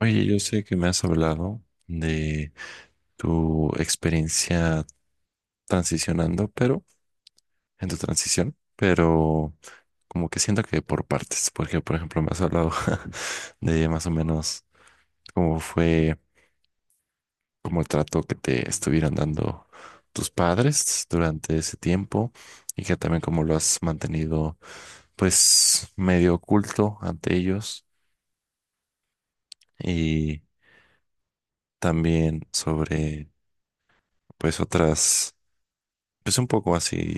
Oye, yo sé que me has hablado de tu experiencia transicionando, pero en tu transición, pero como que siento que por partes, porque por ejemplo me has hablado de más o menos cómo fue, como el trato que te estuvieron dando tus padres durante ese tiempo y que también cómo lo has mantenido pues medio oculto ante ellos y también sobre pues otras pues un poco así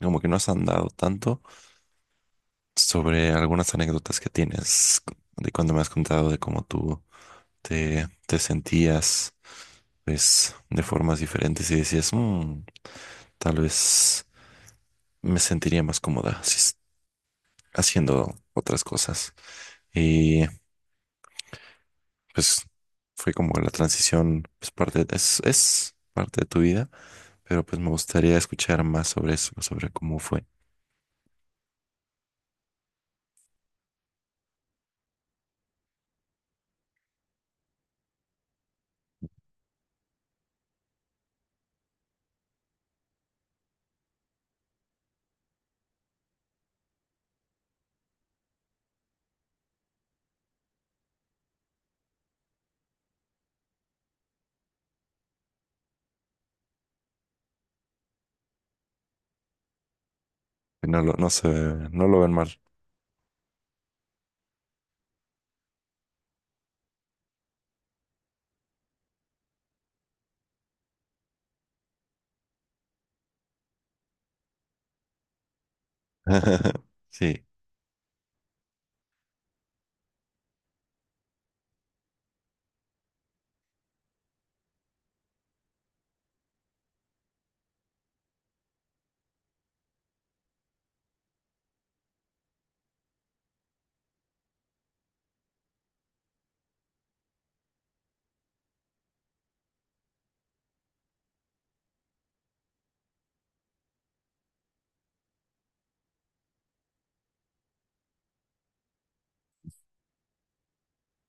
como que no has andado tanto sobre algunas anécdotas que tienes de cuando me has contado de cómo tú te sentías, pues, de formas diferentes y decías, "Mm, tal vez me sentiría más cómoda si es- haciendo otras cosas". Y pues fue como la transición, pues, es parte de tu vida, pero pues me gustaría escuchar más sobre eso, sobre cómo fue. Que no lo, no se, no lo ven mal. Sí.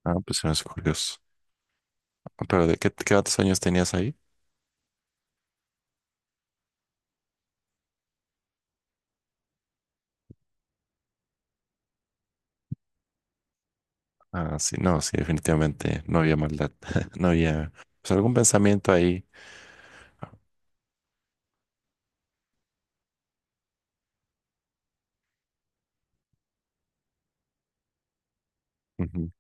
Ah, pues se me hace curioso. Pero ¿de qué, qué otros años tenías ahí? Ah, sí, no, sí, definitivamente no había maldad. No había, pues algún pensamiento ahí. Ujú.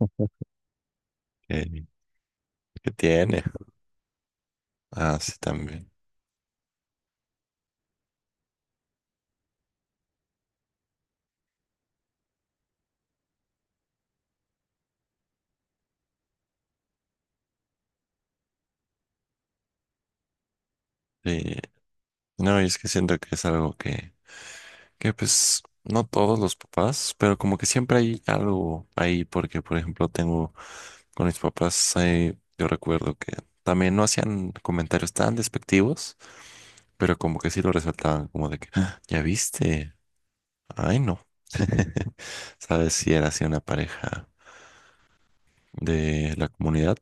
que, que tiene. Ah, sí, también. Sí. No, y es que siento que es algo que, que no todos los papás, pero como que siempre hay algo ahí, porque por ejemplo tengo con mis papás, yo recuerdo que también no hacían comentarios tan despectivos, pero como que sí lo resaltaban, como de que, "Ah, ¿ya viste? Ay, no". ¿Sabes si era así una pareja de la comunidad,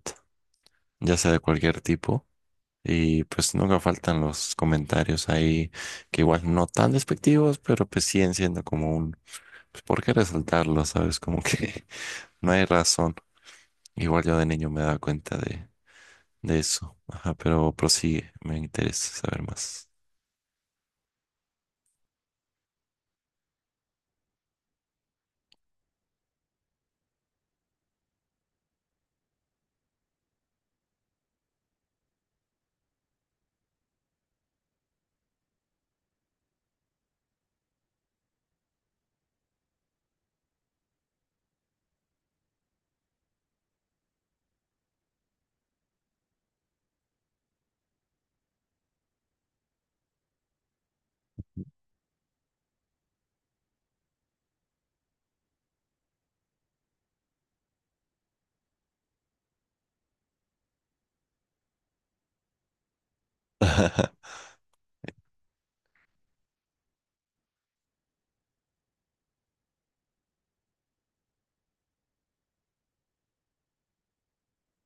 ya sea de cualquier tipo? Y pues nunca faltan los comentarios ahí, que igual no tan despectivos, pero pues siguen siendo como un, pues ¿por qué resaltarlo? ¿Sabes? Como que no hay razón. Igual yo de niño me daba cuenta de eso. Ajá, pero prosigue, me interesa saber más.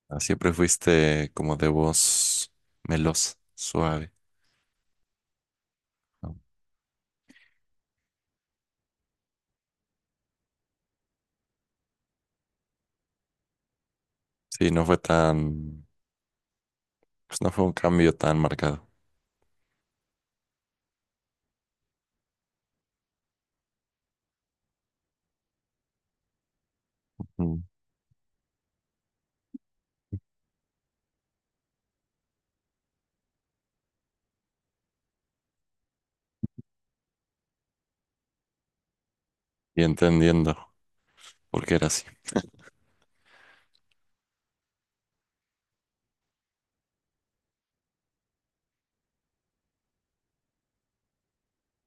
Ah, siempre fuiste como de voz melosa, suave, ¿no? Sí, no fue tan... Pues no fue un cambio tan marcado. Mm. Y entendiendo por qué era así.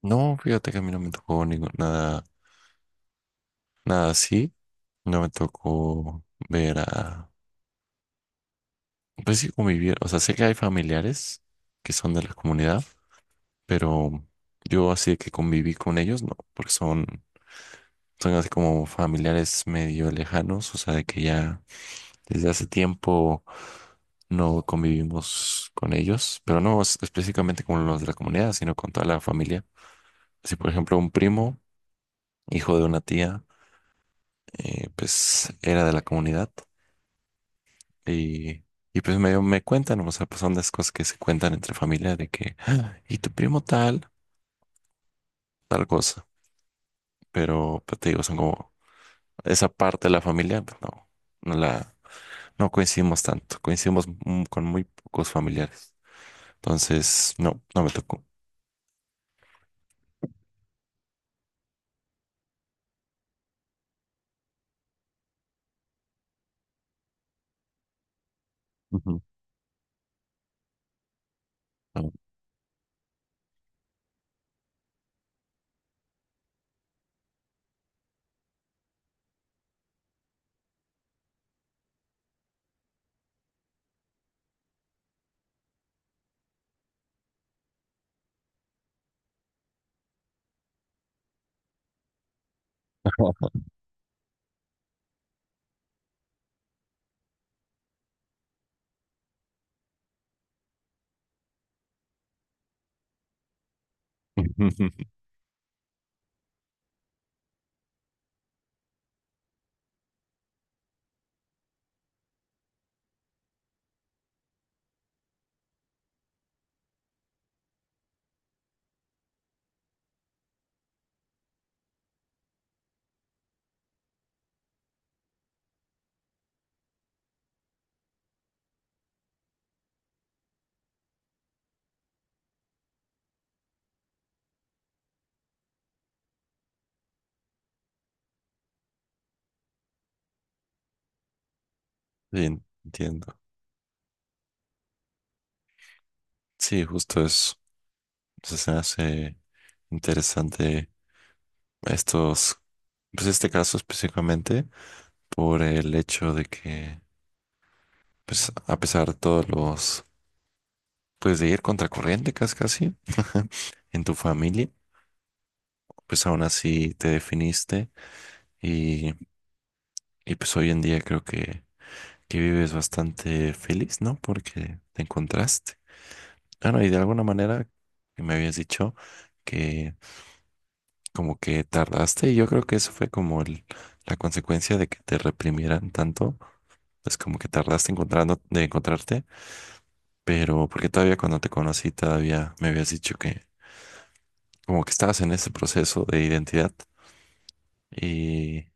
No, fíjate que a mí no me tocó ningún, nada, nada así. No me tocó ver a... Pues sí, convivir. O sea, sé que hay familiares que son de la comunidad, pero yo así de que conviví con ellos, no, porque son así como familiares medio lejanos, o sea, de que ya desde hace tiempo no convivimos con ellos, pero no es- específicamente con los de la comunidad, sino con toda la familia. Si, por ejemplo, un primo, hijo de una tía, pues era de la comunidad y, y pues me cuentan, o sea, pues son las cosas que se cuentan entre familia de que, "Ah, y tu primo tal, tal cosa", pero pues, te digo, son como esa parte de la familia, pues, no, no la, no coincidimos tanto, coincidimos con muy pocos familiares, entonces, no, no me tocó. Ujú. No. Sí, entiendo. Sí, justo eso. O sea, se me hace interesante a estos, pues este caso específicamente, por el hecho de que, pues a pesar de todos los, pues de ir contracorriente casi casi en tu familia, pues aún así te definiste y, y pues hoy en día creo que vives bastante feliz, ¿no? Porque te encontraste. Bueno, y de alguna manera que me habías dicho que como que tardaste y yo creo que eso fue como la consecuencia de que te reprimieran tanto es como que tardaste encontrando, de encontrarte, pero porque todavía cuando te conocí todavía me habías dicho que como que estabas en ese proceso de identidad y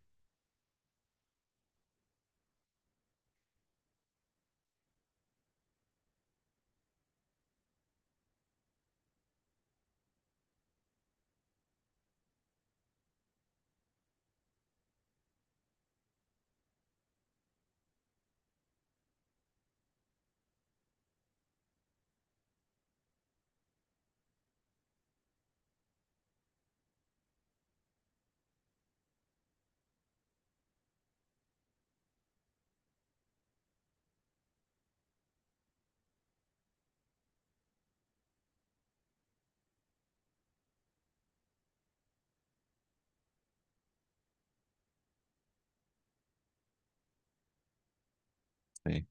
sí,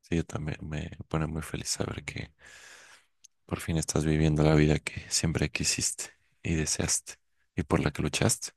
sí, yo también me pone muy feliz saber que por fin estás viviendo la vida que siempre quisiste y deseaste y por la que luchaste.